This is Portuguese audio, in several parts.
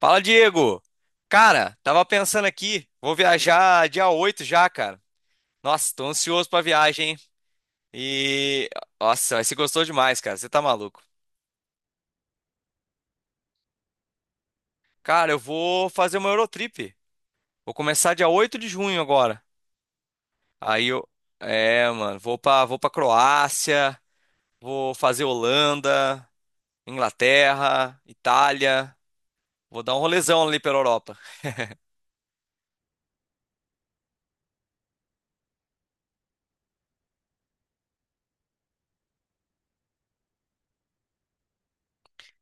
Fala, Diego! Cara, tava pensando aqui, vou viajar dia 8 já, cara. Nossa, tô ansioso pra viagem, hein? E. Nossa, mas você gostou demais, cara, você tá maluco. Cara, eu vou fazer uma Eurotrip. Vou começar dia 8 de junho agora. Aí eu. É, mano, vou pra Croácia, vou fazer Holanda, Inglaterra, Itália. Vou dar um rolezão ali pela Europa.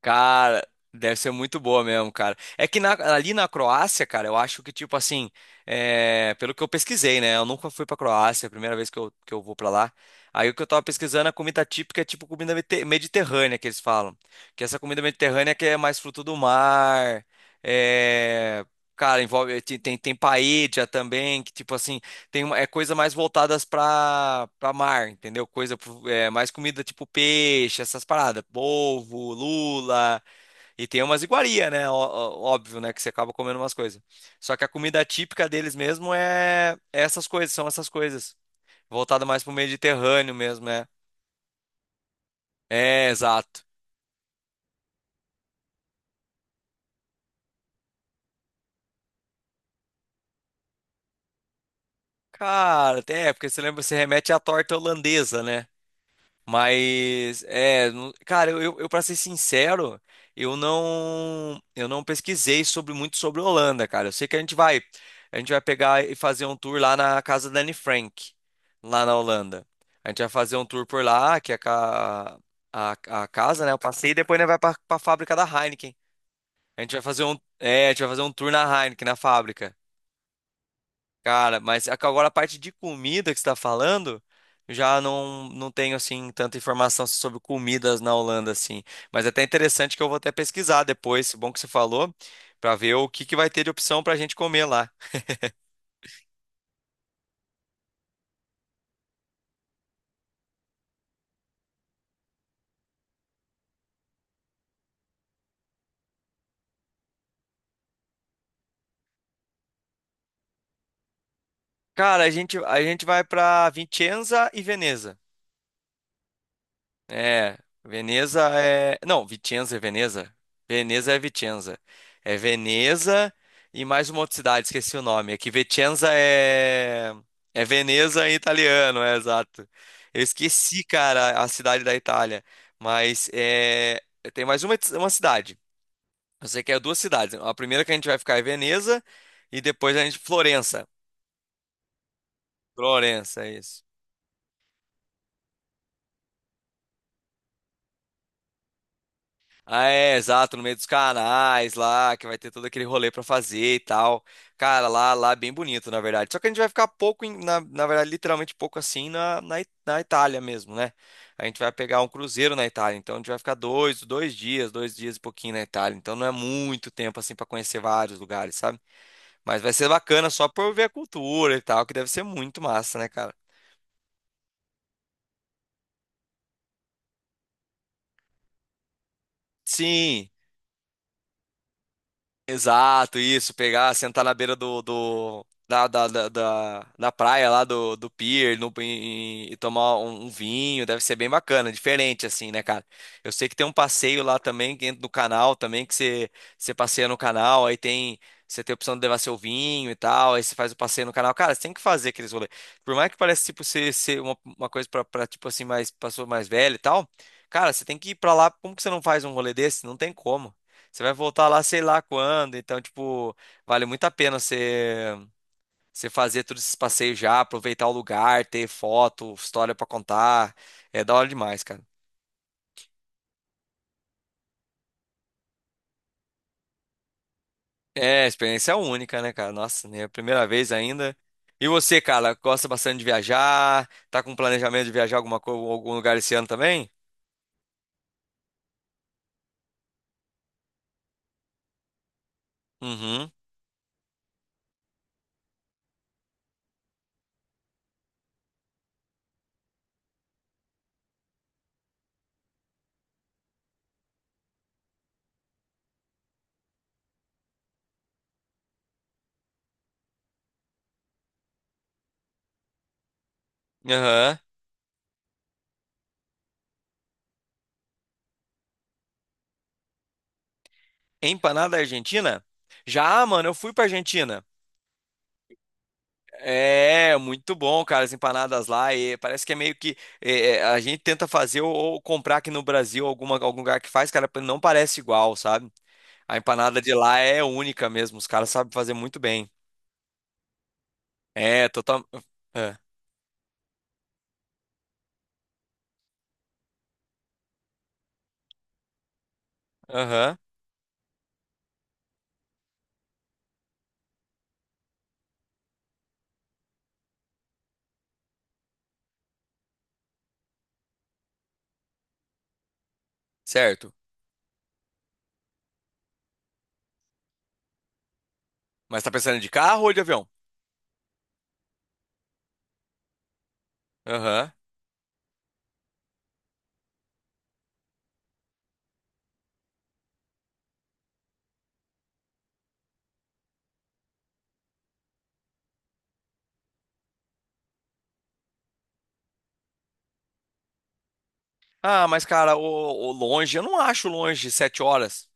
Cara, deve ser muito boa mesmo, cara. É que ali na Croácia, cara, eu acho que, tipo assim, é, pelo que eu pesquisei, né? Eu nunca fui pra Croácia, é a primeira vez que eu vou pra lá. Aí o que eu tava pesquisando, a comida típica é tipo comida mediterrânea, que eles falam. Que essa comida mediterrânea que é mais fruto do mar, é... Cara, envolve, tem paella também, que tipo assim, tem uma, é coisa mais voltadas para mar, entendeu? É, mais comida tipo peixe, essas paradas, polvo, lula e tem umas iguaria, né? Óbvio, né? Que você acaba comendo umas coisas. Só que a comida típica deles mesmo é essas coisas, são essas coisas voltada mais pro Mediterrâneo mesmo, né? É, exato. Cara, é porque você lembra, você remete à torta holandesa, né? Mas, é, não- cara, eu, pra ser sincero, eu não pesquisei sobre muito sobre Holanda, cara. Eu sei que a gente vai pegar e fazer um tour lá na casa da Anne Frank, lá na Holanda. A gente vai fazer um tour por lá, que é a, ca- a, a casa, né? Eu passei e depois a gente vai pra fábrica da Heineken. A gente vai fazer a gente vai fazer um tour na Heineken, na fábrica. Cara, mas agora a parte de comida que você está falando, eu já não tenho assim tanta informação sobre comidas na Holanda assim. Mas é até interessante que eu vou até pesquisar depois, bom que você falou, para ver o que que vai ter de opção para a gente comer lá. Cara, a gente vai para Vicenza e Veneza. É, Veneza é. Não, Vicenza é Veneza. Veneza é Vicenza. É Veneza e mais uma outra cidade, esqueci o nome. É que Vicenza é. É Veneza em italiano, é exato. Eu esqueci, cara, a cidade da Itália. Mas é. Tem mais uma cidade. Eu sei que é duas cidades. A primeira que a gente vai ficar é Veneza e depois a gente. Florença. Florença, é isso. Ah, é, exato, no meio dos canais lá, que vai ter todo aquele rolê pra fazer e tal. Cara, lá, lá é bem bonito, na verdade. Só que a gente vai ficar pouco, na verdade, literalmente pouco assim na Itália mesmo, né? A gente vai pegar um cruzeiro na Itália, então a gente vai ficar dois dias e pouquinho na Itália. Então não é muito tempo assim pra conhecer vários lugares, sabe? Mas vai ser bacana só por ver a cultura e tal, que deve ser muito massa, né, cara? Sim. Exato, isso, pegar, sentar na beira do, do da, da, da, da- da praia lá do pier no, em- em- e tomar um vinho, deve ser bem bacana, diferente assim, né, cara? Eu sei que tem um passeio lá também, que entra no canal também, que você passeia no canal, aí tem, você tem a opção de levar seu vinho e tal, aí você faz o passeio no canal. Cara, você tem que fazer aqueles rolês. Por mais que pareça, tipo, ser uma coisa pra tipo assim, mais, pessoa mais velha e tal, cara, você tem que ir pra lá, como que você não faz um rolê desse? Não tem como. Você vai voltar lá sei lá quando, então, tipo, vale muito a pena você fazer todos esses passeios já, aproveitar o lugar, ter foto, história pra contar. É da hora demais, cara. É, experiência é única, né, cara? Nossa, né? Primeira vez ainda. E você, cara, gosta bastante de viajar? Tá com planejamento de viajar alguma coisa, algum lugar esse ano também? Uhum. Aham. Empanada Argentina? Já, mano, eu fui pra Argentina. É, muito bom, cara, as empanadas lá. E parece que é meio que a gente tenta fazer ou comprar aqui no Brasil alguma, algum lugar que faz, cara, não parece igual, sabe? A empanada de lá é única mesmo, os caras sabem fazer muito bem. É, total. é, Aham, certo. Mas tá pensando de carro ou de avião? Aham. Ah, mas, cara, o longe, eu não acho longe 7 horas.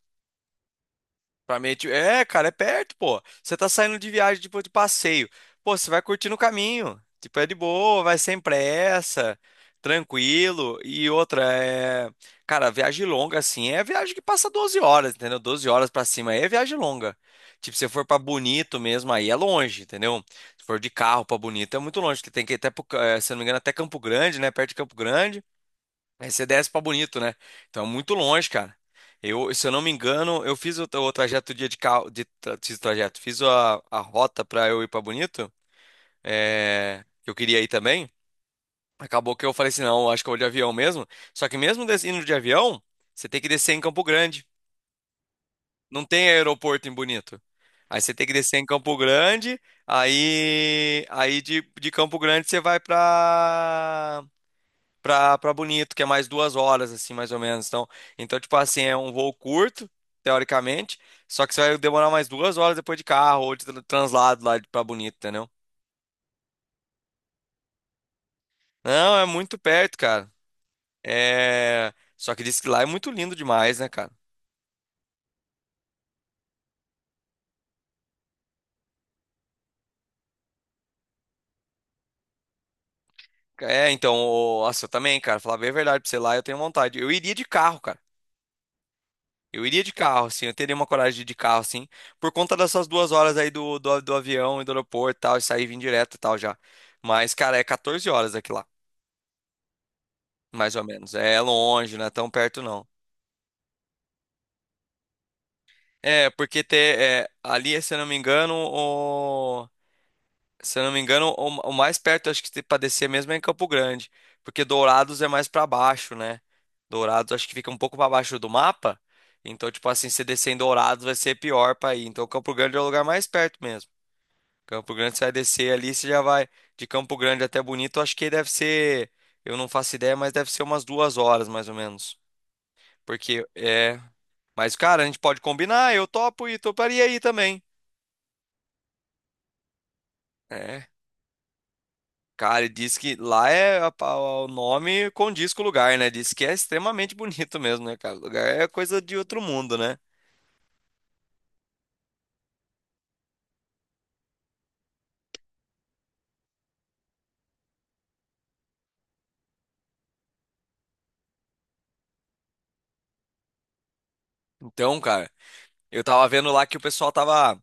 Pra mim, é, é, cara, é perto, pô. Você tá saindo de viagem, tipo, de passeio. Pô, você vai curtindo o caminho. Tipo, é de boa, vai sem pressa, tranquilo. E outra, é... Cara, viagem longa, assim, é viagem que passa 12 horas, entendeu? 12 horas pra cima aí é viagem longa. Tipo, se for pra Bonito mesmo, aí é longe, entendeu? Se for de carro pra Bonito, é muito longe, que tem que ir até, se eu não me engano, até Campo Grande, né? Perto de Campo Grande. Aí você desce pra Bonito, né? Então é muito longe, cara. Eu, se eu não me engano, eu fiz o trajeto dia de carro, fiz o trajeto, fiz a rota pra eu ir pra Bonito, é, que eu queria ir também. Acabou que eu falei assim, não, acho que eu vou de avião mesmo. Só que mesmo indo de avião, você tem que descer em Campo Grande. Não tem aeroporto em Bonito. Aí você tem que descer em Campo Grande, de Campo Grande você vai pra Bonito, que é mais 2 horas, assim, mais ou menos. Então, tipo assim, é um voo curto, teoricamente, só que você vai demorar mais 2 horas depois de carro ou de translado lá pra Bonito, entendeu? Não, é muito perto, cara. É... Só que diz que lá é muito lindo demais, né, cara? É, então, ô, nossa, eu também, cara, falar bem a verdade pra você lá, eu tenho vontade. Eu iria de carro, cara. Eu iria de carro, assim, eu teria uma coragem de ir de carro, assim, por conta dessas 2 horas aí do avião e do aeroporto e tal, e sair e vir direto e tal já. Mas, cara, é 14 horas aqui lá. Mais ou menos. É longe, não é tão perto não. É, porque ter, é, ali, se eu não me engano, o, se eu não me engano, o mais perto acho que tem pra descer mesmo é em Campo Grande, porque Dourados é mais pra baixo, né? Dourados acho que fica um pouco pra baixo do mapa, então tipo assim, se descer em Dourados vai ser pior pra ir. Então Campo Grande é o lugar mais perto mesmo. Campo Grande você vai descer ali, você já vai de Campo Grande até Bonito, acho que deve ser, eu não faço ideia, mas deve ser umas 2 horas mais ou menos. Porque é. Mas, cara, a gente pode combinar, eu topo e toparia aí também. É. Cara, e diz que lá é o nome condiz com o lugar, né? Diz que é extremamente bonito mesmo, né, cara? O lugar é coisa de outro mundo, né? Então, cara, eu tava vendo lá que o pessoal tava.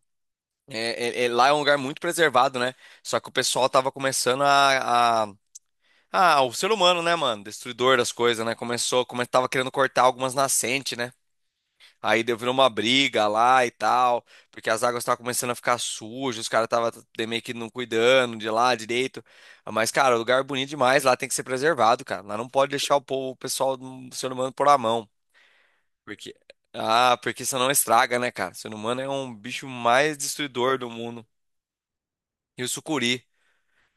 Lá é um lugar muito preservado, né? Só que o pessoal tava começando Ah, o ser humano, né, mano? Destruidor das coisas, né? Começou, tava querendo cortar algumas nascentes, né? Aí deu virou uma briga lá e tal, porque as águas estavam começando a ficar sujas, os caras estavam meio que não cuidando de lá direito. Mas, cara, o lugar é bonito demais, lá tem que ser preservado, cara. Lá não pode deixar o povo, o pessoal do ser humano por a mão. Porque, ah, porque senão estraga, né, cara? O ser humano é um bicho mais destruidor do mundo. Rio sucuri.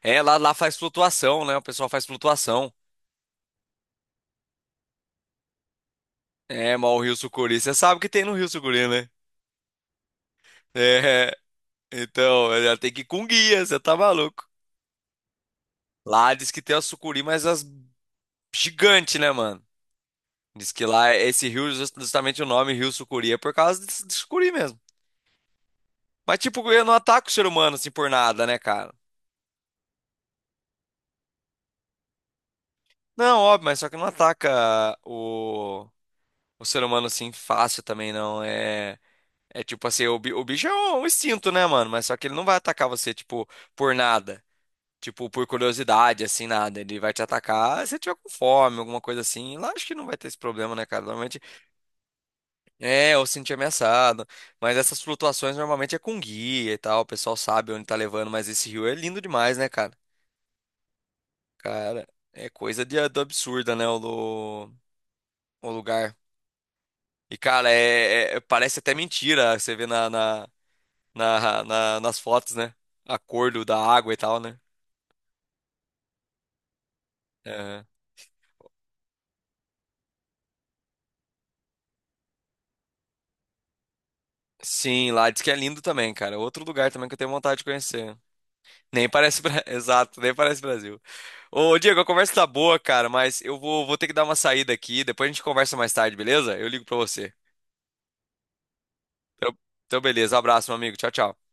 É, lá, lá faz flutuação, né? O pessoal faz flutuação. É, mas o rio sucuri, você sabe o que tem no rio sucuri, né? É, então, já tem que ir com guia, você tá maluco. Lá diz que tem as sucuri, mas as gigantes, né, mano? Diz que lá esse rio, justamente o nome Rio Sucuri, é por causa de, sucuri mesmo. Mas, tipo, eu não ataco o ser humano assim por nada, né, cara? Não, óbvio, mas só que não ataca o ser humano assim fácil também, não. É, é tipo assim, o bicho é um instinto, né, mano? Mas só que ele não vai atacar você, tipo, por nada. Tipo, por curiosidade, assim, nada. Ele vai te atacar se você tiver com fome, alguma coisa assim. Lá acho que não vai ter esse problema, né, cara? Normalmente É, eu sentir ameaçado. Mas essas flutuações normalmente é com guia e tal. O pessoal sabe onde tá levando, mas esse rio é lindo demais, né, cara? Cara, é coisa do absurda, né, o lugar. E, cara, é, é, parece até mentira. Você vê na, na, nas fotos, né? A cor da água e tal, né? Aham. Sim, lá diz que é lindo também, cara. Outro lugar também que eu tenho vontade de conhecer. Nem parece... Exato, nem parece Brasil. Ô, Diego, a conversa tá boa, cara, mas eu vou ter que dar uma saída aqui. Depois a gente conversa mais tarde, beleza? Eu ligo pra você. Então, então beleza. Abraço, meu amigo. Tchau, tchau.